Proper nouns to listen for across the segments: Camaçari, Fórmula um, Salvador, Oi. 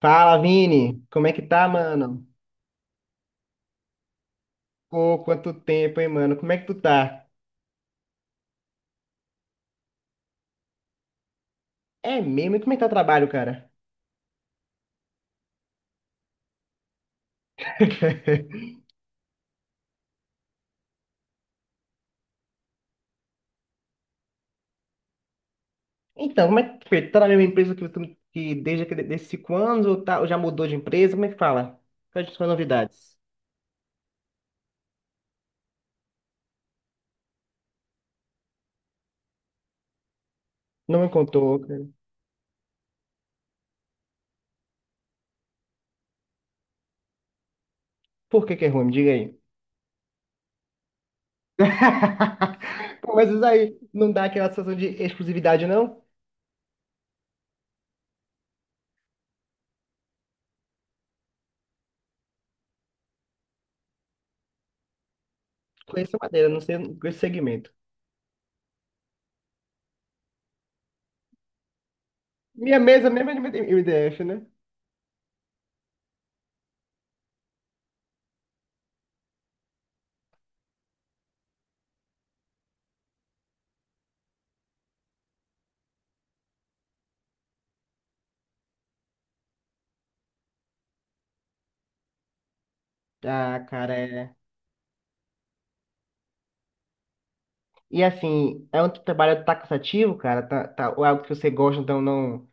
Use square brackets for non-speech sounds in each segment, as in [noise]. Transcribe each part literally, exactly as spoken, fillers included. Fala, Vini! Como é que tá, mano? Pô, quanto tempo, hein, mano? Como é que tu tá? É mesmo? E como é que tá o trabalho, cara? [laughs] Então, como é que foi? Tá na mesma empresa que tu que desde que, desses cinco anos ou, tá, ou já mudou de empresa? Como é que fala? Quais são as novidades? Não me contou, cara. Por que que é ruim? Me Diga aí. [laughs] Pô, mas isso aí não dá aquela sensação de exclusividade, não? Conheço a madeira, não sei esse segmento. Minha mesa mesmo é de M D F, né? Ah, cara, é. E assim, é um trabalho que tá cansativo, cara, tá, tá, ou é algo que você gosta, então não,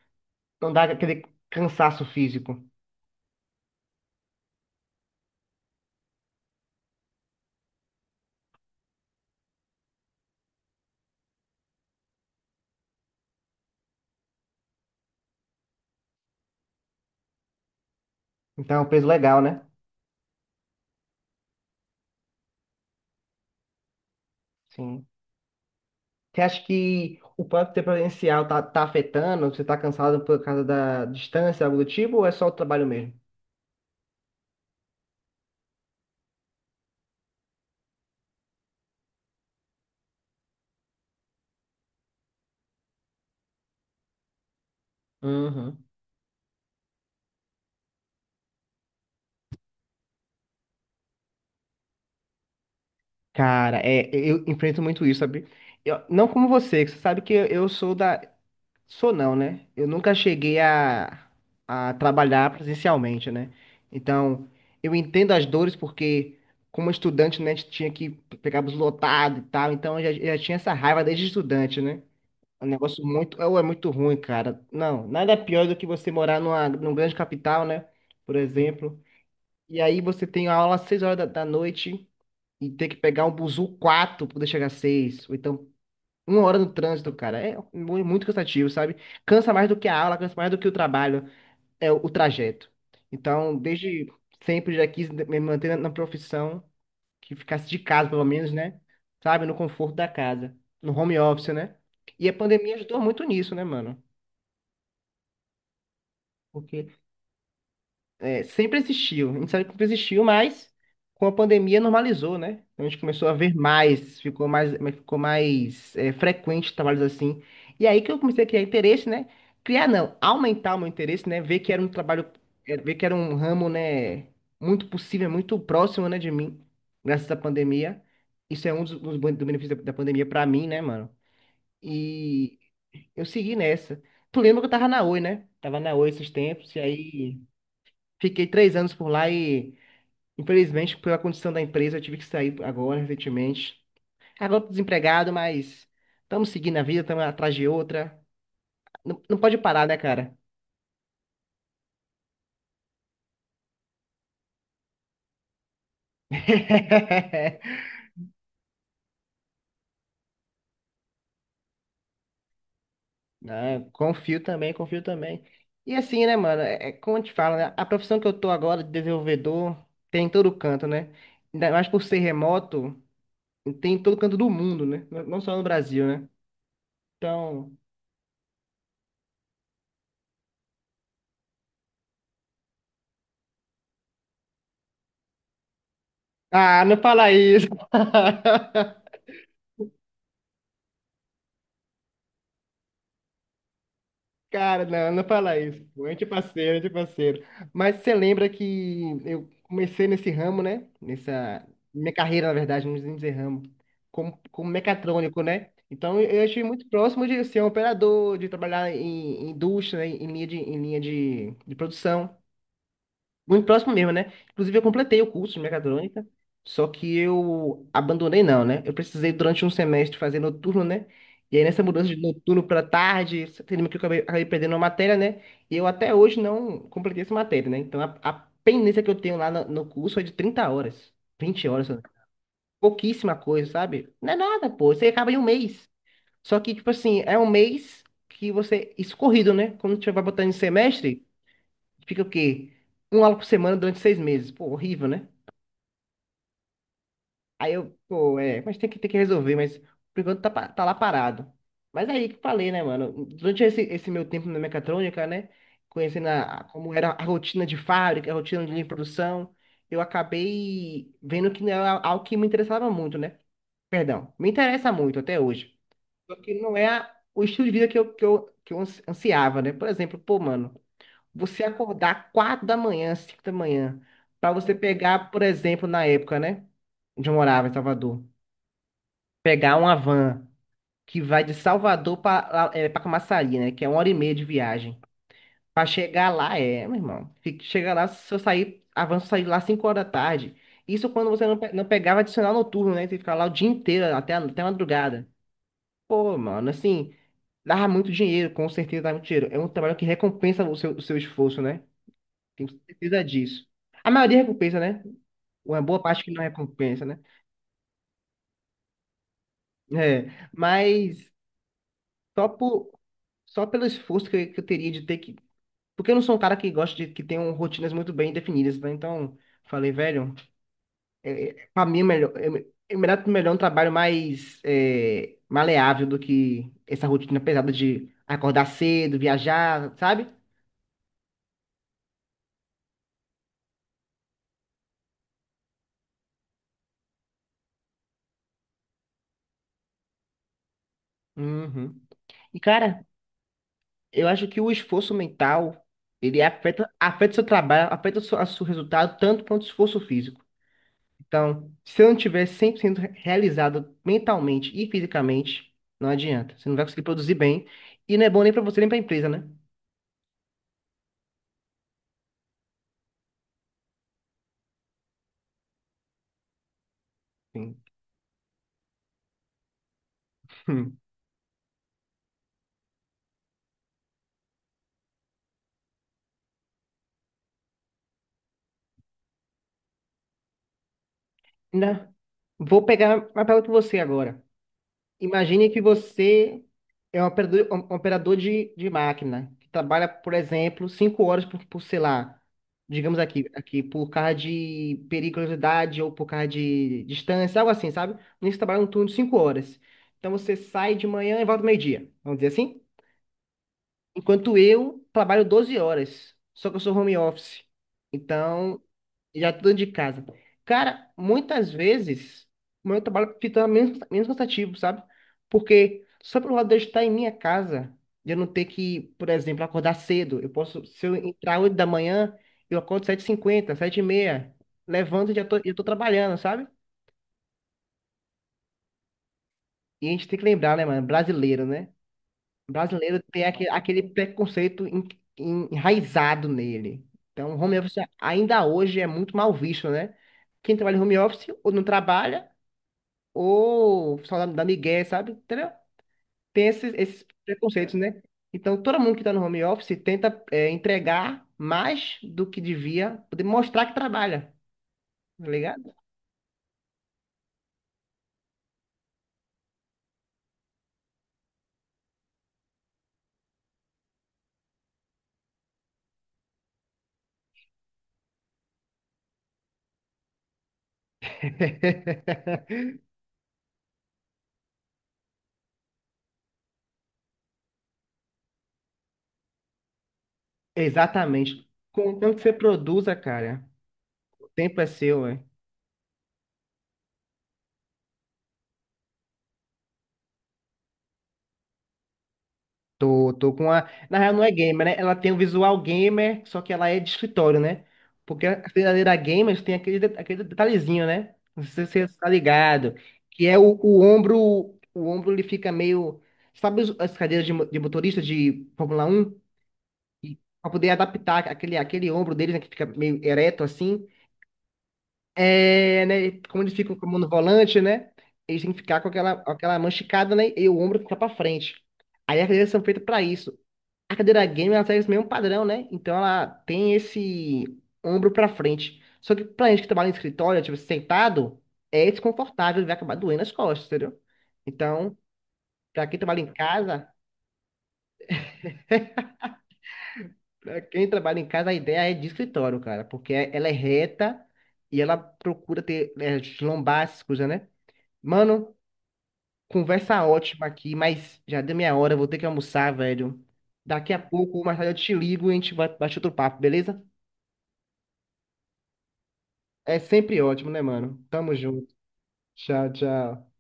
não dá aquele cansaço físico. Então, é um peso legal, né? Sim. Você acha que o próprio tempo presencial tá, tá afetando? Você tá cansado por causa da distância, algo do tipo, ou é só o trabalho mesmo? Uhum. Cara, é, eu enfrento muito isso, sabe? Eu, não como você, que você sabe que eu eu sou da. Sou não, né? Eu nunca cheguei a, a trabalhar presencialmente, né? Então, eu entendo as dores porque, como estudante, né, a gente tinha que pegar bus lotado e tal, então eu já, eu já tinha essa raiva desde estudante, né? É um negócio muito, é é muito ruim, cara. Não, nada pior do que você morar numa, numa grande capital, né? Por exemplo. E aí você tem aula às seis horas da, da noite e ter que pegar um buzu quatro para poder chegar às seis, ou então uma hora no trânsito, cara, é mu- muito cansativo, sabe? Cansa mais do que a aula, cansa mais do que o trabalho, é o o trajeto. Então, desde sempre já quis me manter na na profissão, que ficasse de casa, pelo menos, né? Sabe? No conforto da casa, no home office, né? E a pandemia ajudou muito nisso, né, mano? Porque É, sempre existiu, a gente sabe que sempre existiu, mas com a pandemia normalizou, né? Então, A gente começou a ver mais, ficou mais, ficou mais é, frequente trabalhos assim. E aí que eu comecei a criar interesse, né? Criar não, aumentar o meu interesse, né? Ver que era um trabalho, é, ver que era um ramo, né? Muito possível, muito próximo, né, de mim, graças à pandemia. Isso é um dos, dos ben- do benefício da, da pandemia pra mim, né, mano? E eu segui nessa. Tu lembra que eu tava na Oi, né? Tava na Oi esses tempos, e aí. Fiquei três anos por lá e, infelizmente, pela condição da empresa, eu tive que sair agora, recentemente. Agora eu tô desempregado, mas estamos seguindo a vida, estamos atrás de outra. Não, não pode parar, né, cara? [laughs] Né? Confio também, confio também. E assim, né, mano? É, é como eu te falo, né? A profissão que eu tô agora de desenvolvedor tem em todo canto, né? Ainda mais por ser remoto, tem em todo canto do mundo, né? Não não só no Brasil, né? Então. Ah, não fala isso! [laughs] Cara, não, não fala isso. Pô. É de é Mas você lembra que eu comecei nesse ramo, né? Nessa minha carreira, na verdade, não precisa dizer ramo, como, como mecatrônico, né? Então eu estive muito próximo de ser um operador, de trabalhar em, em indústria, né? Em linha de, em linha de, de produção. Muito próximo mesmo, né? Inclusive, eu completei o curso de mecatrônica, só que eu abandonei, não, né? Eu precisei, durante um semestre, fazer noturno, né? E aí, nessa mudança de noturno para tarde, teve que eu acabei, acabei perdendo uma matéria, né? E eu até hoje não completei essa matéria, né? Então, a, a pendência que eu tenho lá no, no curso é de trinta horas, vinte horas, sabe? Pouquíssima coisa, sabe? Não é nada, pô. Você acaba em um mês. Só que, tipo assim, é um mês que você, escorrido, né? Quando você vai botando em semestre. Fica o quê? Um aula por semana durante seis meses. Pô, horrível, né? Aí eu, pô, é, mas tem que, tem que resolver, mas por enquanto tá, pa- tá lá parado. Mas aí que eu falei, né, mano? Durante esse, esse meu tempo na mecatrônica, né? Conhecendo a, a- como era a rotina de fábrica, a rotina de produção, eu acabei vendo que não era algo que me interessava muito, né? Perdão, me interessa muito até hoje. Só que não é a- o estilo de vida que eu, que eu, que eu ansi- ansiava, né? Por exemplo, pô, mano. Você acordar quatro da manhã, cinco da manhã, para você pegar, por exemplo, na época, né? Onde eu morava, em Salvador. Pegar uma van que vai de Salvador para é, para Camaçari, né? Que é uma hora e meia de viagem. Para chegar lá, é, meu irmão. Fica- Chega lá, se eu sair, a sair lá cinco horas da tarde. Isso quando você não, pe- não pegava adicional noturno, né? Você ficava lá o dia inteiro, até, a- até a madrugada. Pô, mano, assim, dava muito dinheiro, com certeza dava muito dinheiro. É um trabalho que recompensa o seu, o seu esforço, né? Tenho certeza disso. A maioria recompensa, né? Uma boa parte que não recompensa, né? É, mas só por, só pelo esforço que eu, que eu teria de ter que. Porque eu não sou um cara que gosta de que tenham rotinas muito bem definidas, né? Então, falei, velho, é, é, pra mim é melhor, é, me- é melhor, melhor um trabalho mais é, maleável do que essa rotina pesada de acordar cedo, viajar, sabe? Uhum. E, cara. Eu acho que o esforço mental, ele afeta, afeta o seu trabalho, afeta o seu, a seu resultado tanto quanto o esforço físico. Então, se eu não tiver cem por cento re- realizado mentalmente e fisicamente, não adianta. Você não vai conseguir produzir bem e não é bom nem para você nem para a empresa, né? Sim. Hum. Né? Vou pegar uma pergunta para você agora. Imagine que você é um operador, um operador de, de máquina, que trabalha, por exemplo, cinco horas por, por, sei lá, digamos aqui, aqui, por causa de periculosidade ou por causa de distância, algo assim, sabe? Nisso trabalha um turno de cinco horas. Então você sai de manhã e volta meio-dia, vamos dizer assim? Enquanto eu trabalho doze horas, só que eu sou home office. Então já tô dentro de casa. Cara, muitas vezes o meu trabalho fica menos, menos cansativo, sabe? Porque só pelo lado de eu estar em minha casa, de eu não ter que, por exemplo, acordar cedo. Eu posso, se eu entrar oito da manhã, eu acordo sete h cinquenta sete e meia, levanto e já tô, eu tô trabalhando, sabe? E a gente tem que lembrar, né, mano? Brasileiro, né? Brasileiro tem aquele, aquele preconceito en- en- enraizado nele. Então, home office ainda hoje é muito mal visto, né? Quem trabalha em home office ou não trabalha ou só da, da migué, sabe? Entendeu? Tem esses, esses preconceitos, né? Então, todo mundo que está no home office tenta é, entregar mais do que devia, poder mostrar que trabalha, tá ligado? [laughs] Exatamente. Contanto que você produza, cara, o tempo é seu, é. Tô, tô com a. Na real, não é gamer, né? Ela tem o visual gamer, só que ela é de escritório, né? Porque a verdadeira gamer tem aquele, de- aquele detalhezinho, né? Não sei se você tá ligado. Que é o, o ombro. O ombro ele fica meio. Sabe os- as cadeiras de, mo- de motorista de Fórmula um. E, pra poder adaptar aquele, aquele ombro deles, né? Que fica meio ereto assim. É, né? Como eles ficam com a mão no volante, né? Eles têm que ficar com aquela, aquela mão esticada, né? E o ombro fica pra frente. Aí as cadeiras são feitas pra isso. A cadeira gamer, ela segue esse mesmo padrão, né? Então ela tem esse ombro pra frente. Só que pra gente que trabalha em escritório, tipo, sentado, é desconfortável, vai acabar doendo as costas, entendeu? Então, pra quem trabalha em casa, pra quem trabalha em casa, a ideia é de escritório, cara, porque ela é reta e ela procura ter é, lombar, essas coisas, né? Mano, conversa ótima aqui, mas já deu minha hora, eu vou ter que almoçar, velho. Daqui a pouco, mais tarde eu te ligo e a gente vai bater outro papo, beleza? É sempre ótimo, né, mano? Tamo junto. Tchau, tchau.